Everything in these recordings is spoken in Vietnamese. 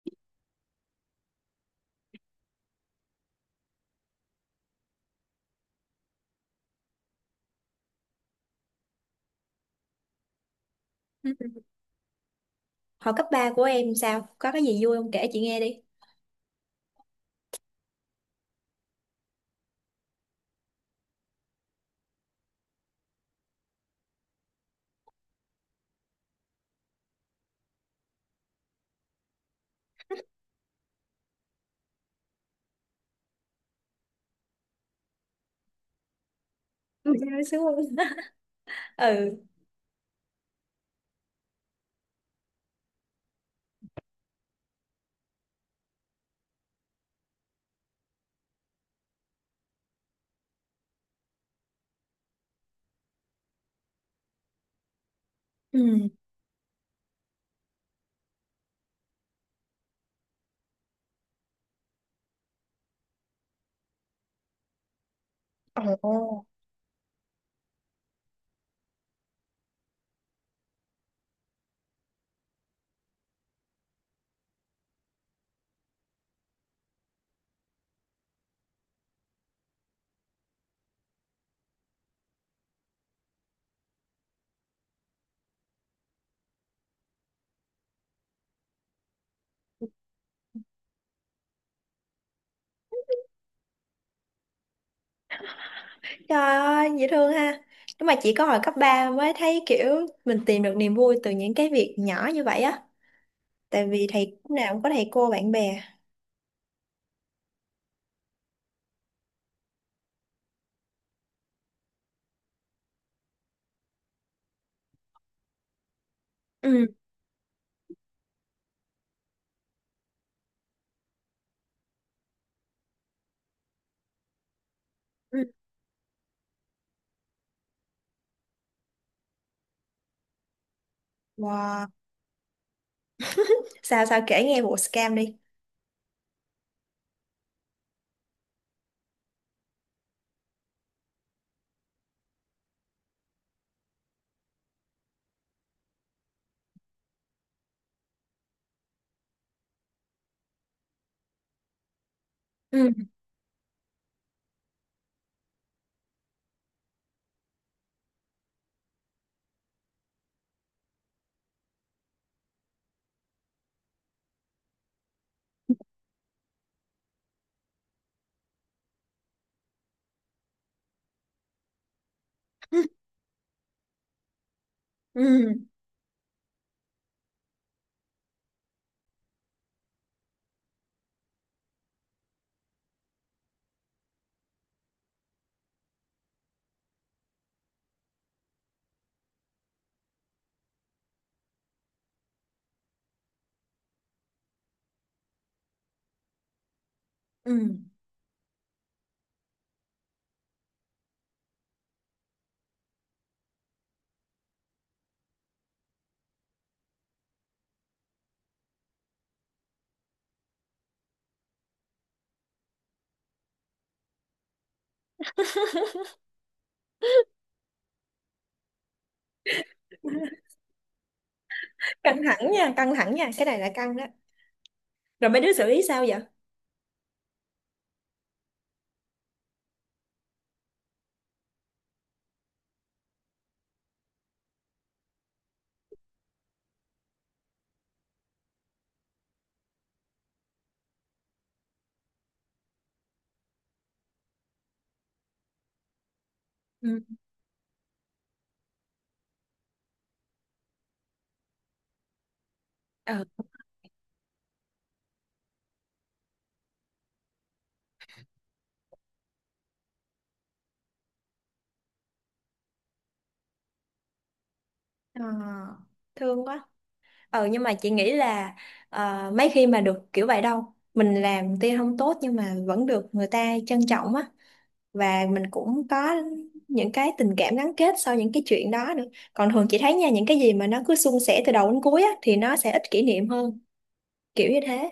Ừ. Hồi cấp ba của em sao? Có cái gì vui không? Kể chị nghe đi. Ừ, em sướng không? Ừ. Ừ. Ồ. Trời ơi, dễ thương ha. Nhưng mà chỉ có hồi cấp ba mới thấy kiểu mình tìm được niềm vui từ những cái việc nhỏ như vậy á. Tại vì thầy lúc nào cũng có thầy cô bạn bè. Ừ. Ừ. Wow. sao sao kể nghe vụ scam đi. Ừ. Ừ. Ừ. Căng thẳng nha, căng thẳng nha, cái này là căng đó. Rồi mấy đứa xử lý sao vậy? Ừ. ờ Ờ, thương quá. Nhưng mà chị nghĩ là, mấy khi mà được kiểu vậy đâu, mình làm tuy không tốt nhưng mà vẫn được người ta trân trọng á. Và mình cũng có những cái tình cảm gắn kết sau những cái chuyện đó nữa. Còn thường chị thấy nha, những cái gì mà nó cứ suôn sẻ từ đầu đến cuối á thì nó sẽ ít kỷ niệm hơn, kiểu như thế.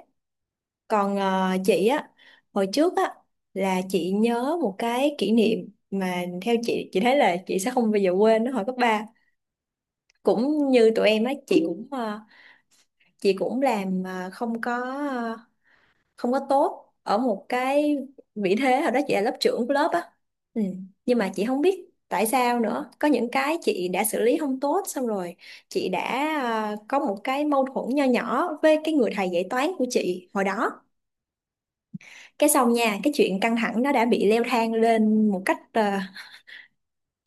Còn chị á, hồi trước á là chị nhớ một cái kỷ niệm mà theo chị thấy là chị sẽ không bao giờ quên nó hồi cấp ba. Cũng như tụi em á, chị cũng chị cũng làm ờ, không có tốt ở một cái vị thế hồi đó chị là lớp trưởng của lớp á. Ừ. Nhưng mà chị không biết tại sao nữa, có những cái chị đã xử lý không tốt xong rồi chị đã có một cái mâu thuẫn nho nhỏ với cái người thầy dạy toán của chị hồi đó. Cái xong nha, cái chuyện căng thẳng nó đã bị leo thang lên một cách ờ,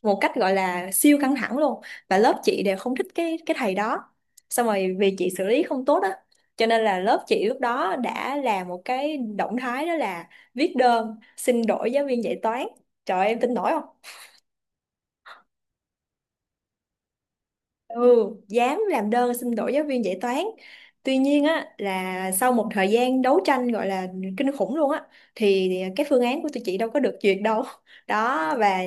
một cách gọi là siêu căng thẳng luôn. Và lớp chị đều không thích cái thầy đó. Xong rồi vì chị xử lý không tốt á, cho nên là lớp chị lúc đó đã làm một cái động thái đó là viết đơn xin đổi giáo viên dạy toán. Trời ơi, em tin nổi không? Ừ, dám làm đơn xin đổi giáo viên dạy toán. Tuy nhiên á là sau một thời gian đấu tranh gọi là kinh khủng luôn á, thì cái phương án của tụi chị đâu có được duyệt đâu. Đó, và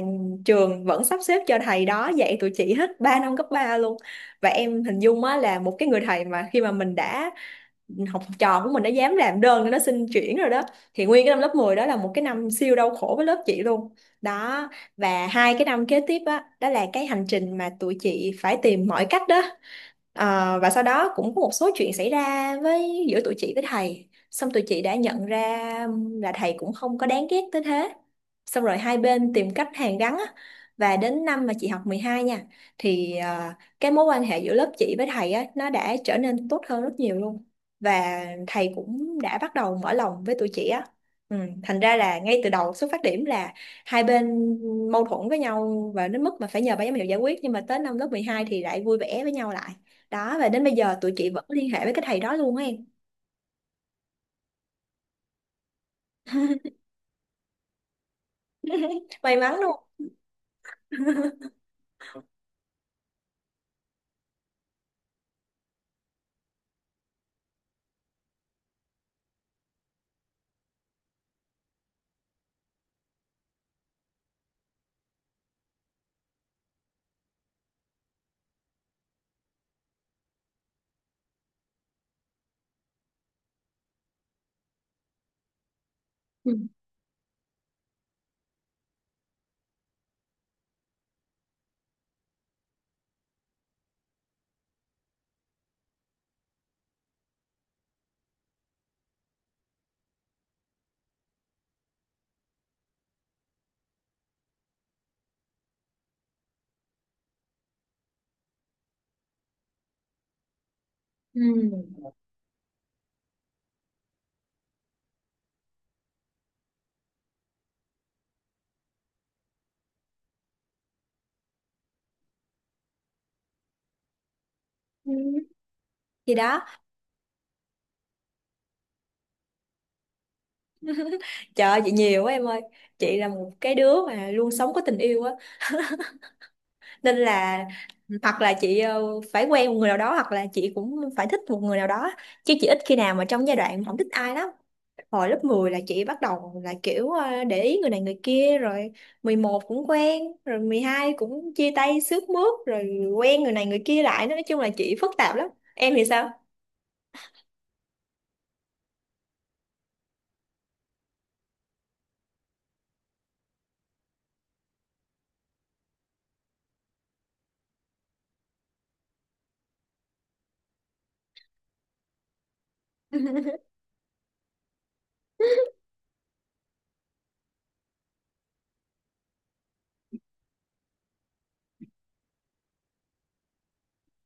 trường vẫn sắp xếp cho thầy đó dạy tụi chị hết 3 năm cấp 3 luôn. Và em hình dung á là một cái người thầy mà khi mà mình đã học trò của mình đã dám làm đơn để nó xin chuyển rồi đó, thì nguyên cái năm lớp 10 đó là một cái năm siêu đau khổ với lớp chị luôn. Đó, và hai cái năm kế tiếp á đó là cái hành trình mà tụi chị phải tìm mọi cách đó. Ờ, và sau đó cũng có một số chuyện xảy ra với giữa tụi chị với thầy xong tụi chị đã nhận ra là thầy cũng không có đáng ghét tới thế, xong rồi hai bên tìm cách hàn gắn á. Và đến năm mà chị học 12 nha, thì cái mối quan hệ giữa lớp chị với thầy á nó đã trở nên tốt hơn rất nhiều luôn. Và thầy cũng đã bắt đầu mở lòng với tụi chị á. Ừ, thành ra là ngay từ đầu xuất phát điểm là hai bên mâu thuẫn với nhau và đến mức mà phải nhờ ban giám hiệu giải quyết, nhưng mà tới năm lớp 12 thì lại vui vẻ với nhau lại. Đó, và đến bây giờ tụi chị vẫn liên hệ với cái thầy đó luôn á em. May mắn luôn. Ừ. Ừ. Ừ. Thì đó, trời ơi, chị nhiều quá em ơi. Chị là một cái đứa mà luôn sống có tình yêu á. Nên là hoặc là chị phải quen một người nào đó, hoặc là chị cũng phải thích một người nào đó. Chứ chị ít khi nào mà trong giai đoạn không thích ai lắm. Hồi lớp 10 là chị bắt đầu là kiểu để ý người này người kia rồi, 11 cũng quen rồi, 12 cũng chia tay xước mướt rồi quen người này người kia lại, nói chung là chị phức tạp lắm. Em thì sao?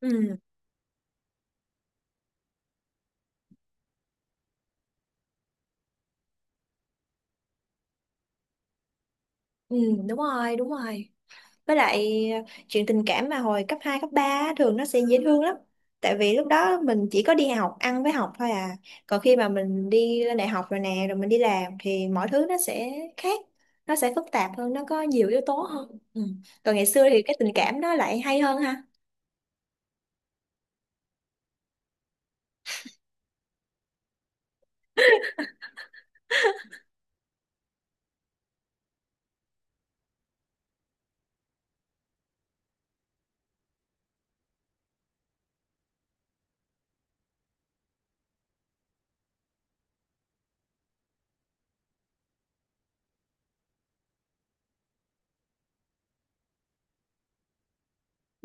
Ừ, ừ, đúng rồi, đúng rồi. Với lại chuyện tình cảm mà hồi cấp 2 cấp 3 á, thường nó sẽ dễ thương lắm. Tại vì lúc đó mình chỉ có đi học, ăn với học thôi à. Còn khi mà mình đi lên đại học rồi nè, rồi mình đi làm thì mọi thứ nó sẽ khác. Nó sẽ phức tạp hơn, nó có nhiều yếu tố hơn. Ừ. Còn ngày xưa thì cái tình cảm nó lại hay hơn ha.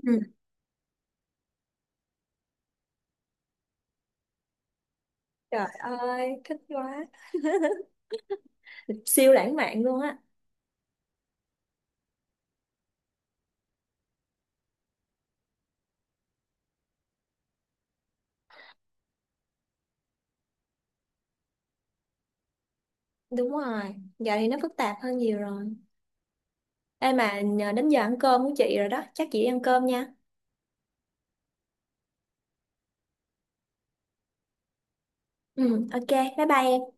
Ừ. Trời ơi, thích quá. Siêu lãng mạn luôn á. Đúng rồi, giờ thì nó phức tạp hơn nhiều rồi. Ê mà nhờ đến giờ ăn cơm của chị rồi đó, chắc chị đi ăn cơm nha. Ừ, ok, bye bye em.